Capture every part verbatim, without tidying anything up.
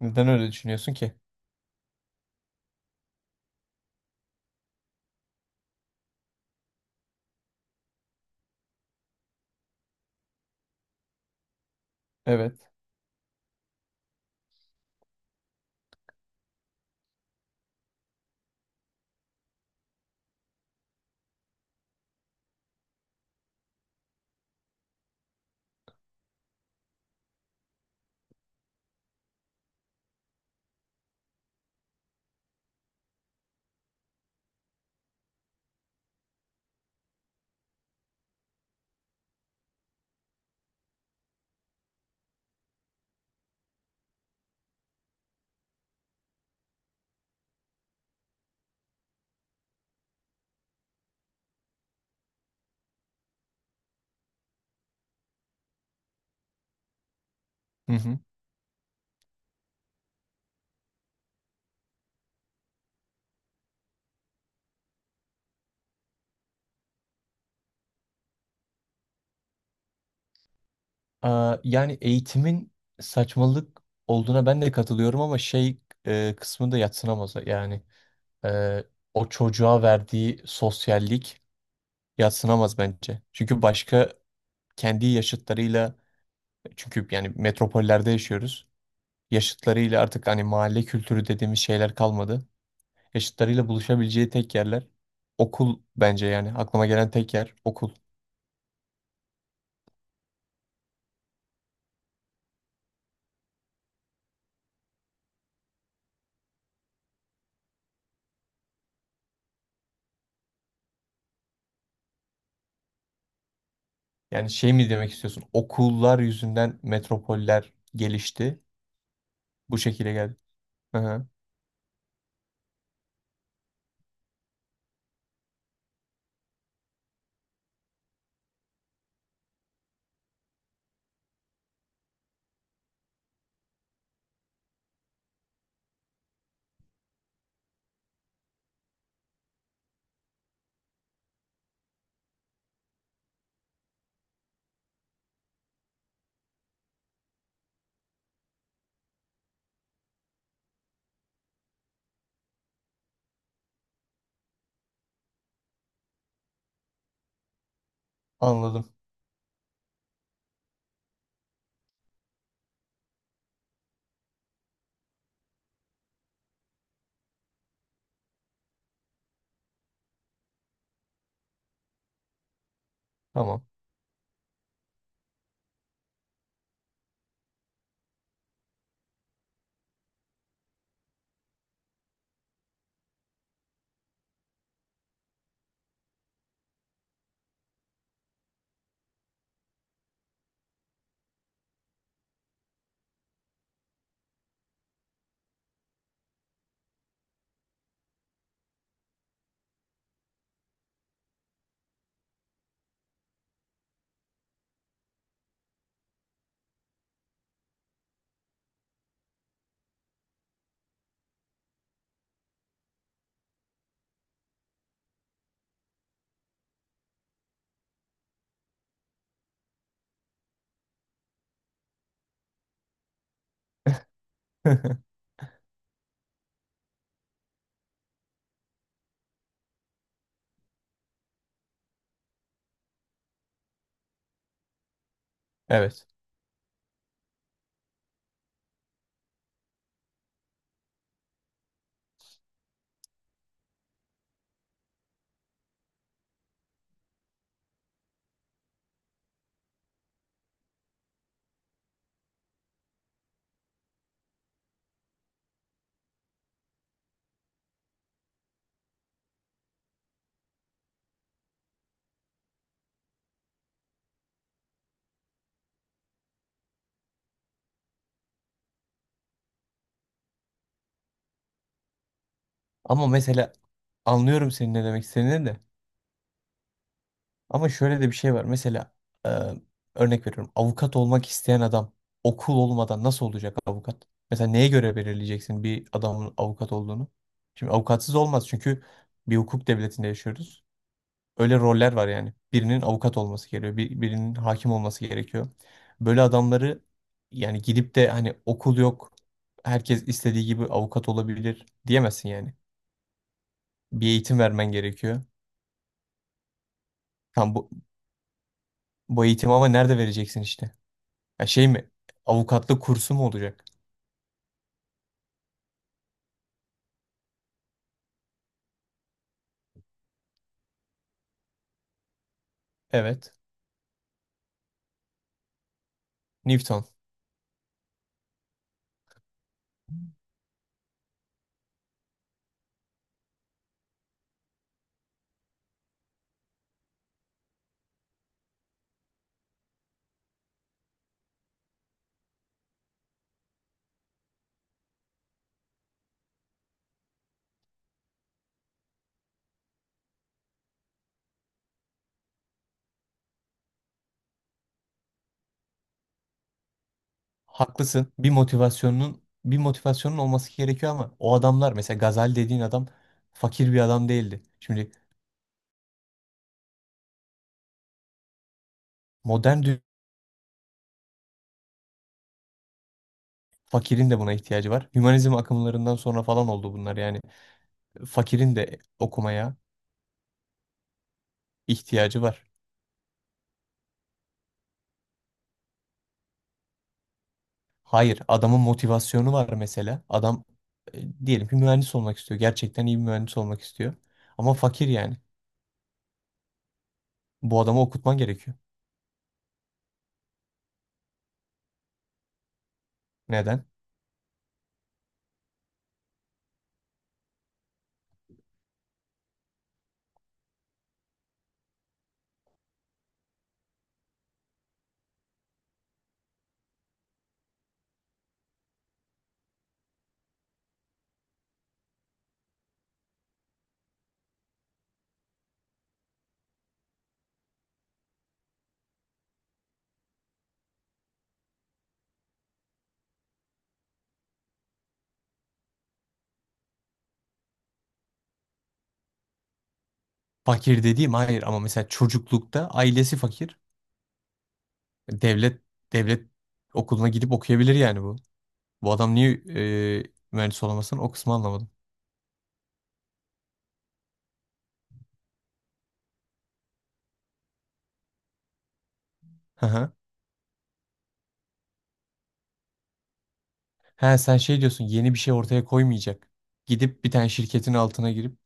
Neden öyle düşünüyorsun ki? Evet. Hı hı. Aa, yani eğitimin saçmalık olduğuna ben de katılıyorum ama şey e, kısmı da yadsınamaz. Yani e, O çocuğa verdiği sosyallik yadsınamaz bence. Çünkü başka kendi yaşıtlarıyla, çünkü yani metropollerde yaşıyoruz. Yaşıtlarıyla artık hani mahalle kültürü dediğimiz şeyler kalmadı. Yaşıtlarıyla buluşabileceği tek yerler okul, bence yani aklıma gelen tek yer okul. Yani şey mi demek istiyorsun? Okullar yüzünden metropoller gelişti. Bu şekilde geldi. Hı hı, anladım. Tamam. Evet. Ama mesela anlıyorum senin ne demek istediğini de. Ama şöyle de bir şey var. Mesela e, örnek veriyorum. Avukat olmak isteyen adam okul olmadan nasıl olacak avukat? Mesela neye göre belirleyeceksin bir adamın avukat olduğunu? Şimdi avukatsız olmaz, çünkü bir hukuk devletinde yaşıyoruz. Öyle roller var yani. Birinin avukat olması gerekiyor, bir- birinin hakim olması gerekiyor. Böyle adamları, yani gidip de hani okul yok, herkes istediği gibi avukat olabilir diyemezsin yani. Bir eğitim vermen gerekiyor. Tam bu, Bu eğitimi ama nerede vereceksin işte? Ya şey mi? Avukatlık kursu mu olacak? Evet. Newton. Haklısın. Bir motivasyonun bir motivasyonun olması gerekiyor, ama o adamlar mesela Gazali dediğin adam fakir bir adam değildi. Şimdi modern, fakirin de buna ihtiyacı var. Hümanizm akımlarından sonra falan oldu bunlar yani. Fakirin de okumaya ihtiyacı var. Hayır, adamın motivasyonu var mesela. Adam e, diyelim ki mühendis olmak istiyor. Gerçekten iyi bir mühendis olmak istiyor. Ama fakir yani. Bu adamı okutman gerekiyor. Neden? Fakir dediğim hayır, ama mesela çocuklukta ailesi fakir. Devlet Devlet okuluna gidip okuyabilir yani bu. Bu adam niye e, mühendis olamasın, o kısmı anlamadım. He sen şey diyorsun, yeni bir şey ortaya koymayacak. Gidip bir tane şirketin altına girip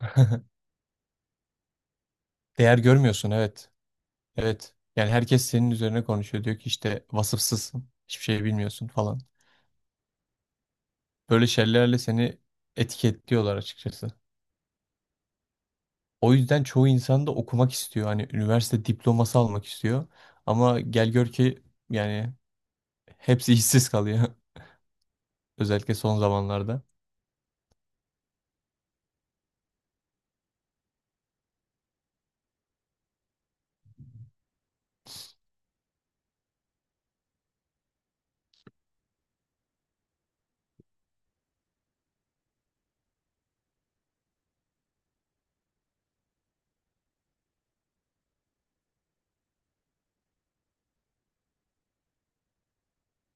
değer görmüyorsun, evet. Evet. Yani herkes senin üzerine konuşuyor. Diyor ki işte vasıfsızsın. Hiçbir şey bilmiyorsun falan. Böyle şeylerle seni etiketliyorlar açıkçası. O yüzden çoğu insan da okumak istiyor. Hani üniversite diploması almak istiyor. Ama gel gör ki yani hepsi işsiz kalıyor. Özellikle son zamanlarda.